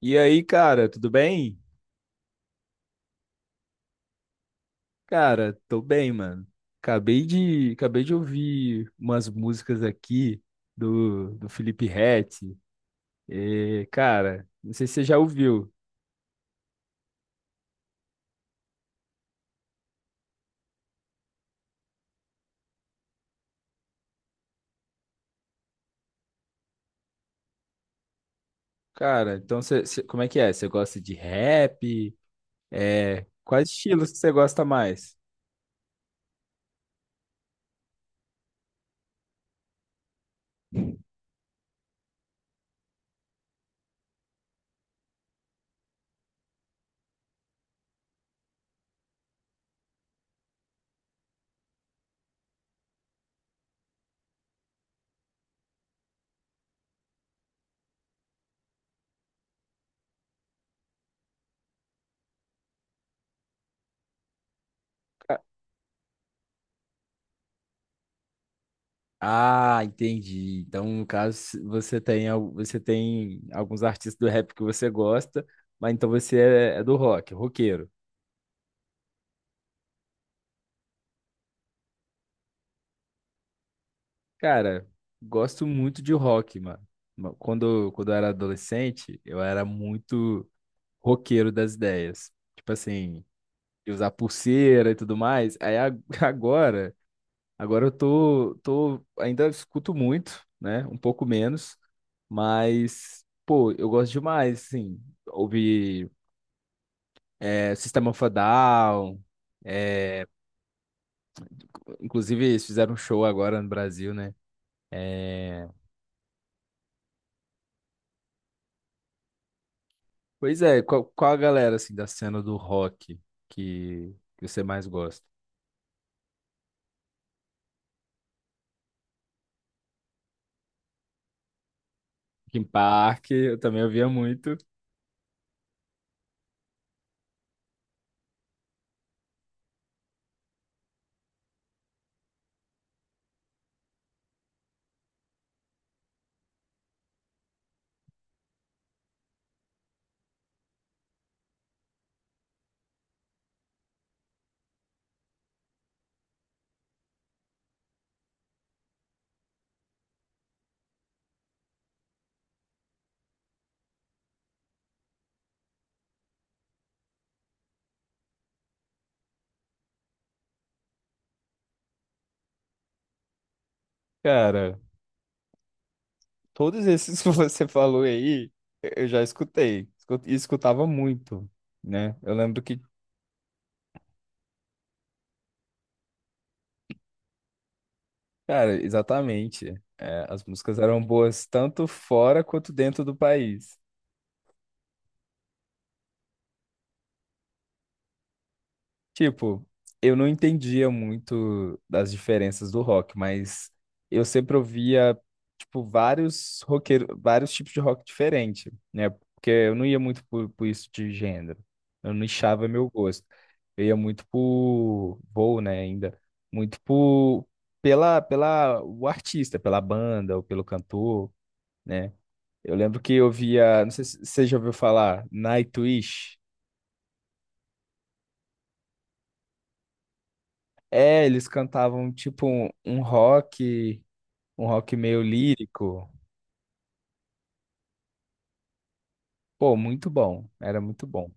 E aí, cara, tudo bem? Cara, tô bem, mano. Acabei de ouvir umas músicas aqui do Felipe Ret. E, cara, não sei se você já ouviu. Cara, então como é que é? Você gosta de rap? É, quais estilos que você gosta mais? Ca- Ah, entendi. Então, no caso, você tem, você tem alguns artistas do rap que você gosta, mas então você é do rock, roqueiro. Cara, gosto muito de rock, mano. Quando eu era adolescente, eu era muito roqueiro das ideias. Tipo assim, de usar pulseira e tudo mais. Agora, agora eu tô, ainda escuto muito, né? Um pouco menos, mas, pô, eu gosto demais, assim. Ouvir System of a Down, é, inclusive eles fizeram um show agora no Brasil, né? Eh, Pois é, qual a galera assim da cena do rock que você mais gosta? Linkin Park, eu também ouvia muito. Cara, todos esses que você falou aí, eu já escutei. E escutava muito, né? Cara, exatamente. É, as músicas eram boas tanto fora quanto dentro do país. Tipo, eu não entendia muito das diferenças do rock, mas eu sempre ouvia, tipo, vários roqueiros, vários tipos de rock diferente, né? Porque eu não ia muito por isso de gênero. Eu não nichava meu gosto. Eu ia muito por, vou, né, ainda, muito por, pela, o artista, pela banda ou pelo cantor, né? Eu lembro que eu via, não sei se você já ouviu falar, Nightwish. É, eles cantavam tipo um rock meio lírico. Pô, muito bom, era muito bom.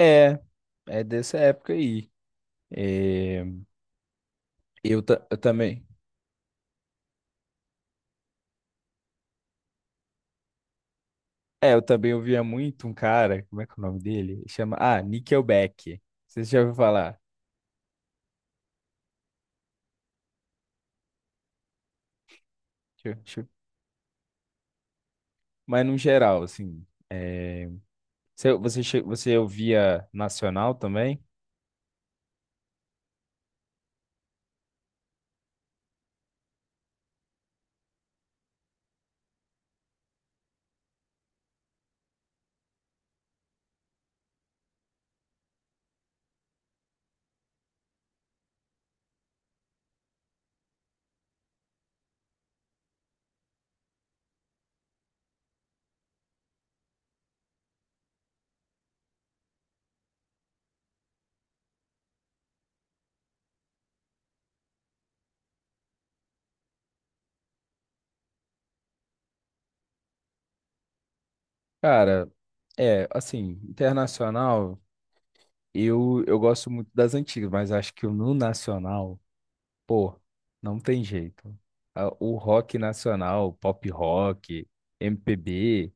É, é dessa época aí. É, eu também. É, eu também ouvia muito um cara, como é que é o nome dele? Chama, ah, Nickelback. Você já ouviram falar? Deixa eu- deixa eu- Mas no geral, assim, é, você ouvia nacional também? Cara, é, assim, internacional. Eu gosto muito das antigas, mas acho que no nacional, pô, não tem jeito. O rock nacional, pop rock, MPB,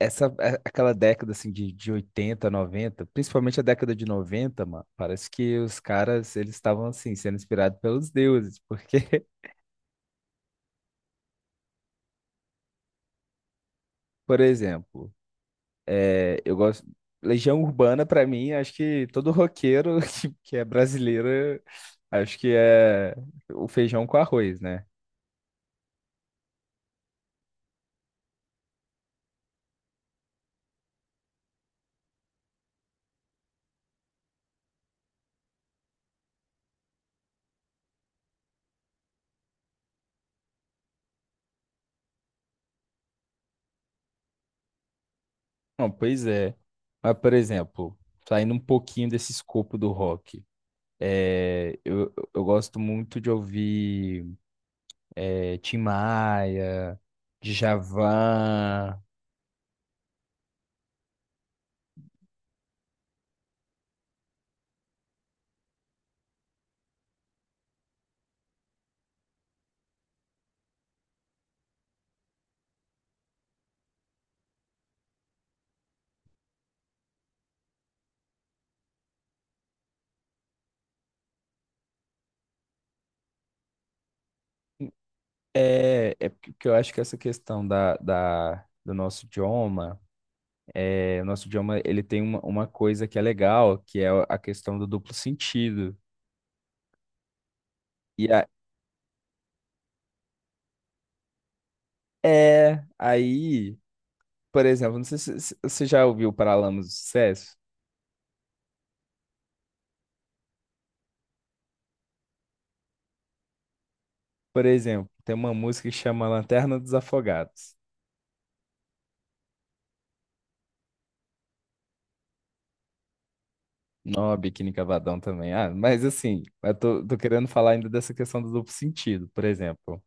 essa aquela década assim de 80 noventa, principalmente a década de noventa, mano, parece que os caras eles estavam assim sendo inspirados pelos deuses, porque, por exemplo, é, eu gosto. Legião Urbana pra mim, acho que todo roqueiro que é brasileiro, acho que é o feijão com arroz, né? Não, pois é. Mas, por exemplo, saindo um pouquinho desse escopo do rock, é, eu gosto muito de ouvir é, Tim Maia, Djavan. É, é porque eu acho que essa questão do nosso idioma, é, o nosso idioma ele tem uma coisa que é legal, que é a questão do duplo sentido. E a, é, aí, por exemplo, não sei se você já ouviu Paralamas do Sucesso. Por exemplo, tem uma música que chama Lanterna dos Afogados. Não, a Biquíni Cavadão também. Ah, mas assim, eu tô, tô querendo falar ainda dessa questão do duplo sentido. Por exemplo,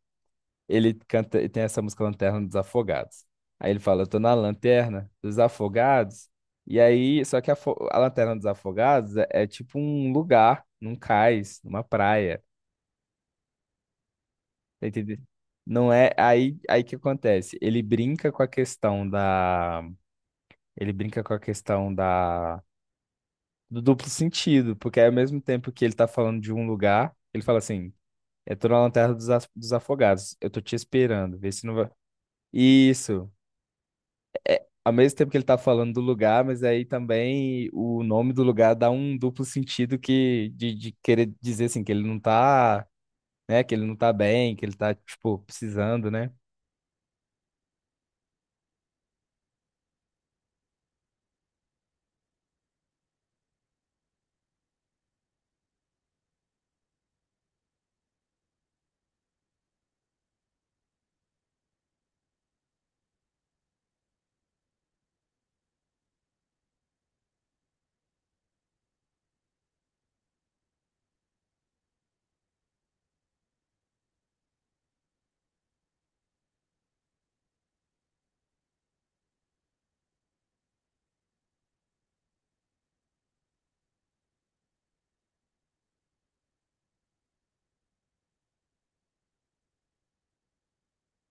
ele canta, ele tem essa música Lanterna dos Afogados. Aí ele fala, eu tô na lanterna dos afogados. E aí, só que a lanterna dos afogados é, é tipo um lugar, num cais, numa praia. Tá entendendo? Não é aí, aí que acontece. Ele brinca com a ele brinca com a questão da do duplo sentido, porque ao mesmo tempo que ele tá falando de um lugar, ele fala assim: eu tô na lanterna dos afogados, eu tô te esperando, vê se não vai. Isso. Ao mesmo tempo que ele tá falando do lugar, mas aí também o nome do lugar dá um duplo sentido que de querer dizer assim que ele não tá, né, que ele não tá bem, que ele tá tipo precisando, né?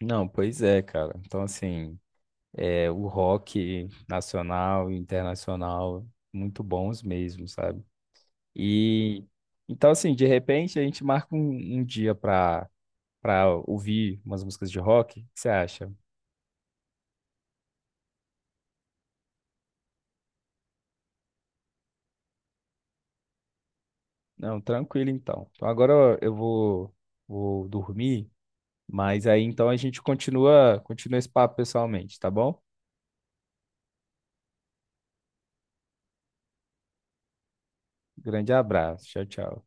Não, pois é, cara. Então assim, é o rock nacional e internacional muito bons mesmo, sabe? E então, assim, de repente a gente marca um dia pra, pra ouvir umas músicas de rock. O que você acha? Não, tranquilo então. Então agora eu vou, vou dormir, mas aí então a gente continua esse papo pessoalmente, tá bom? Grande abraço. Tchau, tchau.